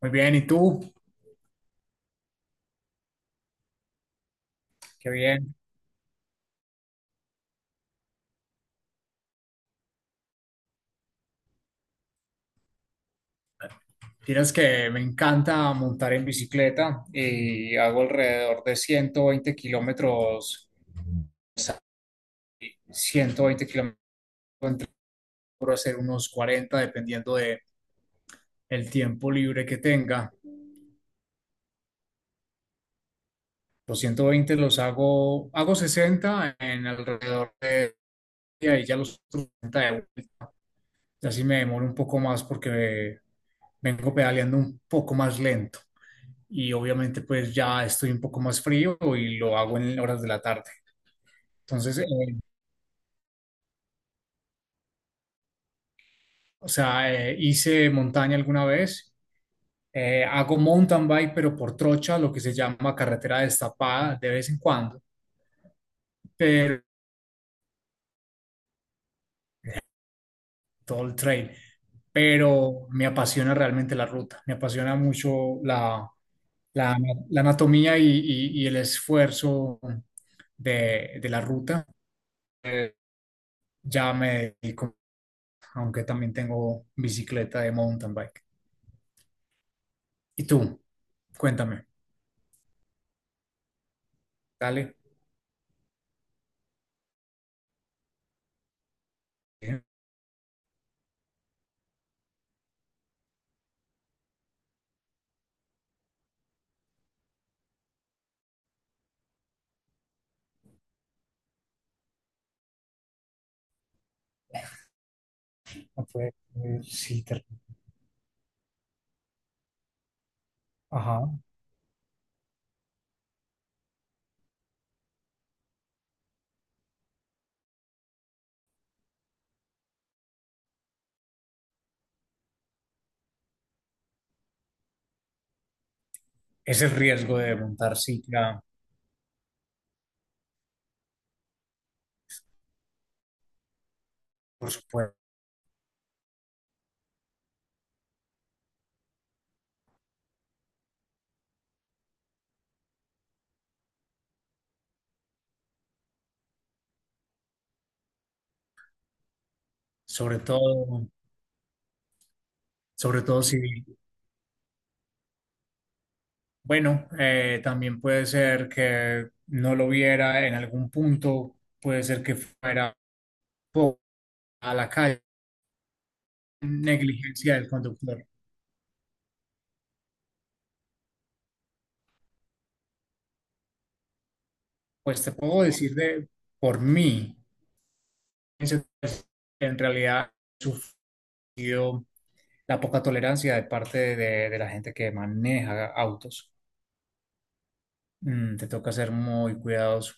Muy bien, ¿y tú? Qué bien. Tienes que me encanta montar en bicicleta y hago alrededor de 120 kilómetros, 120 kilómetros entre ser unos 40 dependiendo de el tiempo libre que tenga. Los 120 los hago 60 en alrededor de día y ya los 30 de vuelta. Y así me demoro un poco más porque vengo pedaleando un poco más lento. Y obviamente pues ya estoy un poco más frío y lo hago en horas de la tarde. Entonces, o sea, hice montaña alguna vez, hago mountain bike, pero por trocha, lo que se llama carretera destapada de vez en cuando, pero todo el trail. Pero me apasiona realmente la ruta, me apasiona mucho la, la anatomía, y el esfuerzo de la ruta. Eh, ya me dedico, aunque también tengo bicicleta de mountain bike. ¿Y tú? Cuéntame, dale. No fue, sí, ajá. Es el riesgo de montar cicla, por supuesto. Sobre todo, sobre todo si, bueno, también puede ser que no lo viera en algún punto, puede ser que fuera po- a la calle, negligencia del conductor. Pues te puedo decir de por mí. En realidad, la poca tolerancia de parte de la gente que maneja autos. Te toca ser muy cuidadoso.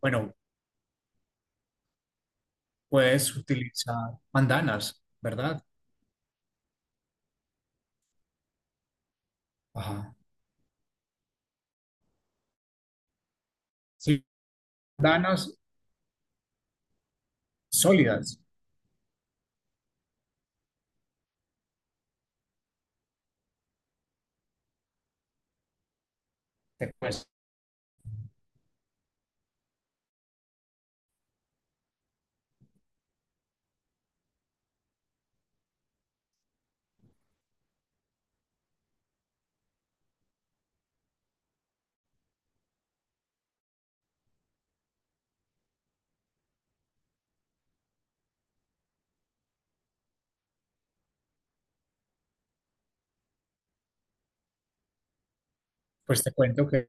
Bueno, puedes utilizar bandanas, ¿verdad? Ajá. Sí, bandanas sólidas. Te cues- pues te cuento que es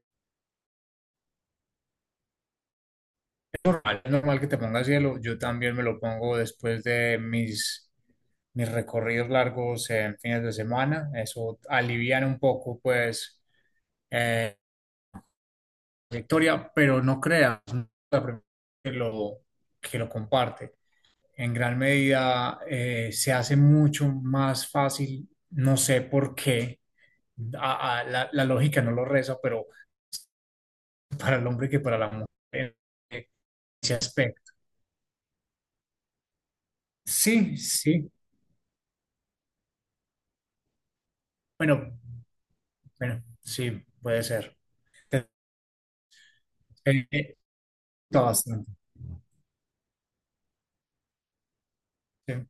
normal, es normal que te pongas hielo. Yo también me lo pongo después de mis recorridos largos en fines de semana. Eso alivian un poco, pues eh, trayectoria, pero no creas, no es la primera que lo, que lo comparte. En gran medida, se hace mucho más fácil, no sé por qué, la lógica no lo reza, pero para el hombre que para la mujer en ese aspecto. Sí, sí, bueno, bueno, sí, puede ser. Eh, eh, está bastante. Sí.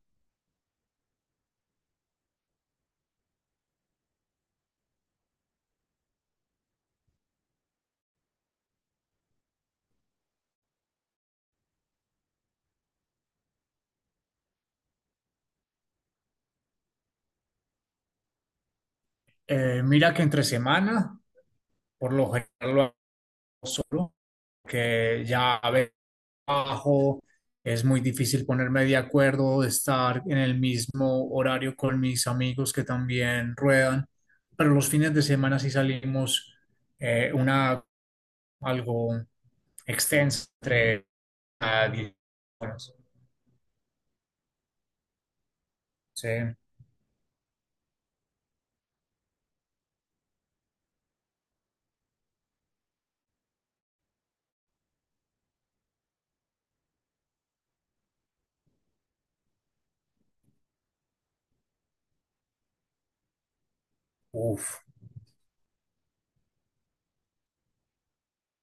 Mira que entre semana, por lo general lo hago solo, que ya a veces trabajo, es muy difícil ponerme de acuerdo, de estar en el mismo horario con mis amigos que también ruedan, pero los fines de semana sí salimos, una, algo extensa, entre a 10 horas. Sí, uf,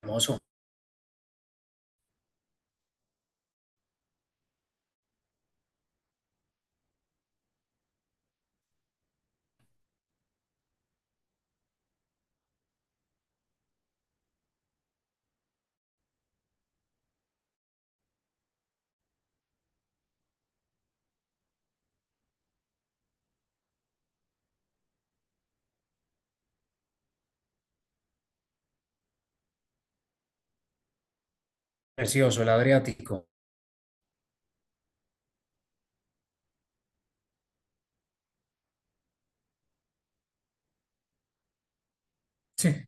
hermoso, precioso, el Adriático. Sí,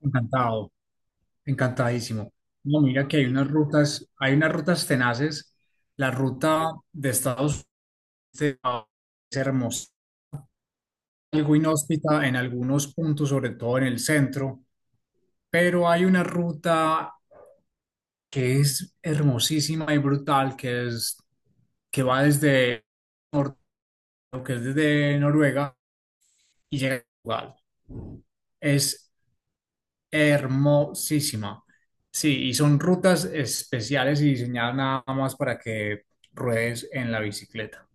encantado, encantadísimo. No, mira que hay unas rutas tenaces. La ruta de Estados Unidos es hermosa, algo inhóspita en algunos puntos, sobre todo en el centro, pero hay una ruta que es hermosísima y brutal, que es que va desde nor- que es desde Noruega y llega a Portugal. Es hermosísima. Sí, y son rutas especiales y diseñadas nada más para que ruedes en la bicicleta.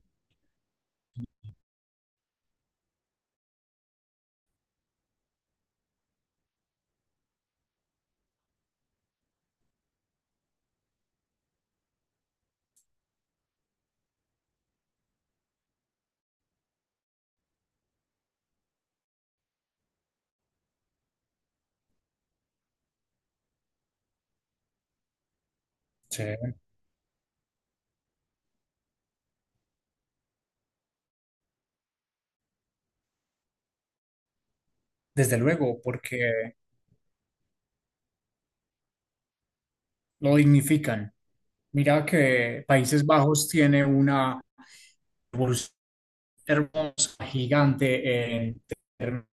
Sí, desde luego, porque lo dignifican. Mira que Países Bajos tiene una hermosa, gigante en términos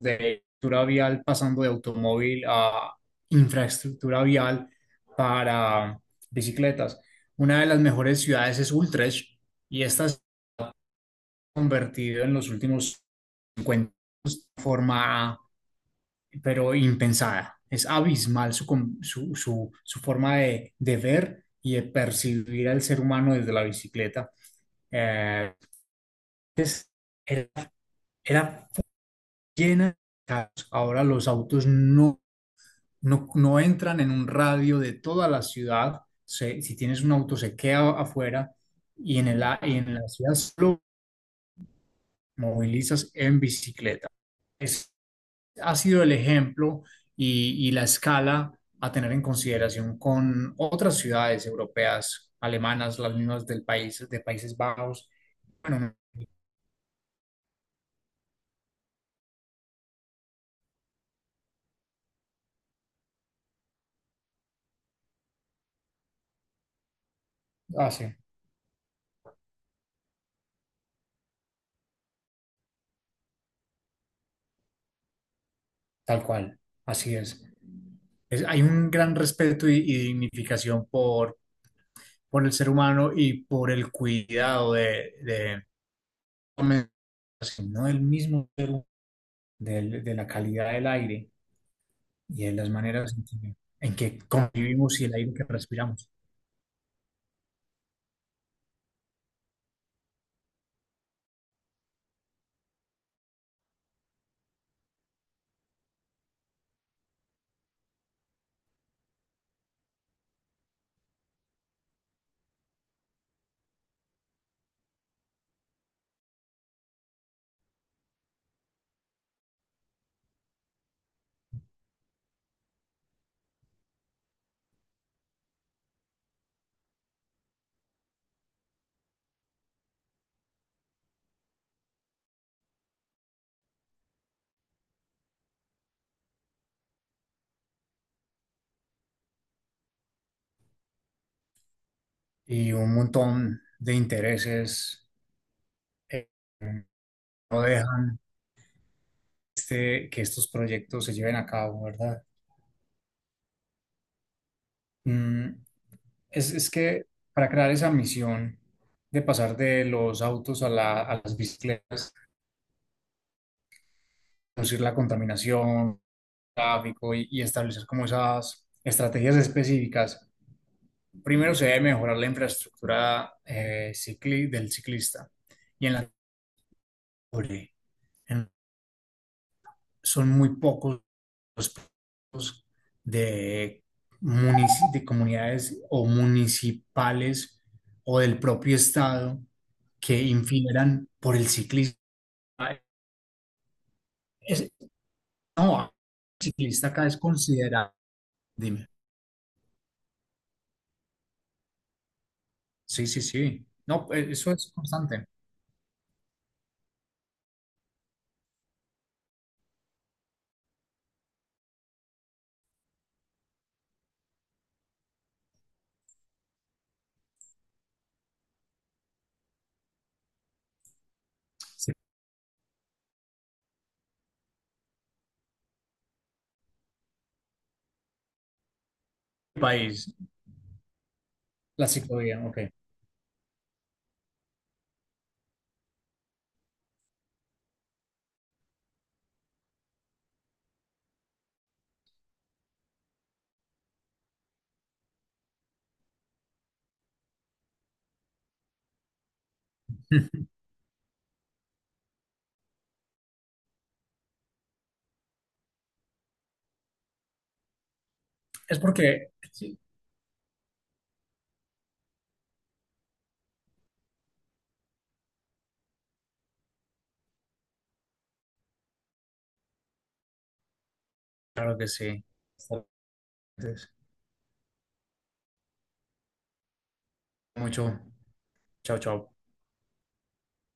de infraestructura vial, pasando de automóvil a infraestructura vial para bicicletas. Una de las mejores ciudades es Utrecht y esta se ha convertido en los últimos 50 años de forma, pero impensada. Es abismal su, su, su forma de ver y de percibir al ser humano desde la bicicleta. Eh, es- era, era llena de carros. Ahora los autos no entran en un radio de toda la ciudad. Si tienes un auto, se queda afuera y y en la ciudad solo movilizas en bicicleta. Es, ha sido el ejemplo y la escala a tener en consideración con otras ciudades europeas, alemanas, las mismas del país, de Países Bajos. Bueno, así. Tal cual, así es. Hay un gran respeto y dignificación por el ser humano y por el cuidado de no del mismo, de la calidad del aire y de las maneras en que convivimos y el aire que respiramos. Y un montón de intereses eh, no dejan de que estos proyectos se lleven a cabo, ¿verdad? Mm, es que para crear esa misión de pasar de los autos a, a las bicicletas, reducir la contaminación, tráfico y establecer como esas estrategias específicas, primero se debe mejorar la infraestructura, del ciclista. Y en la en- son muy pocos los puntos de, de comunidades o municipales o del propio estado que infieran por el ciclismo. Es, no, el ciclista acá es considerado. Dime. Sí, sí, sí. No, eso es constante. Sí. País, la ciclovía, ok. Es porque, sí, claro que sí. Mucho. Chao, chao.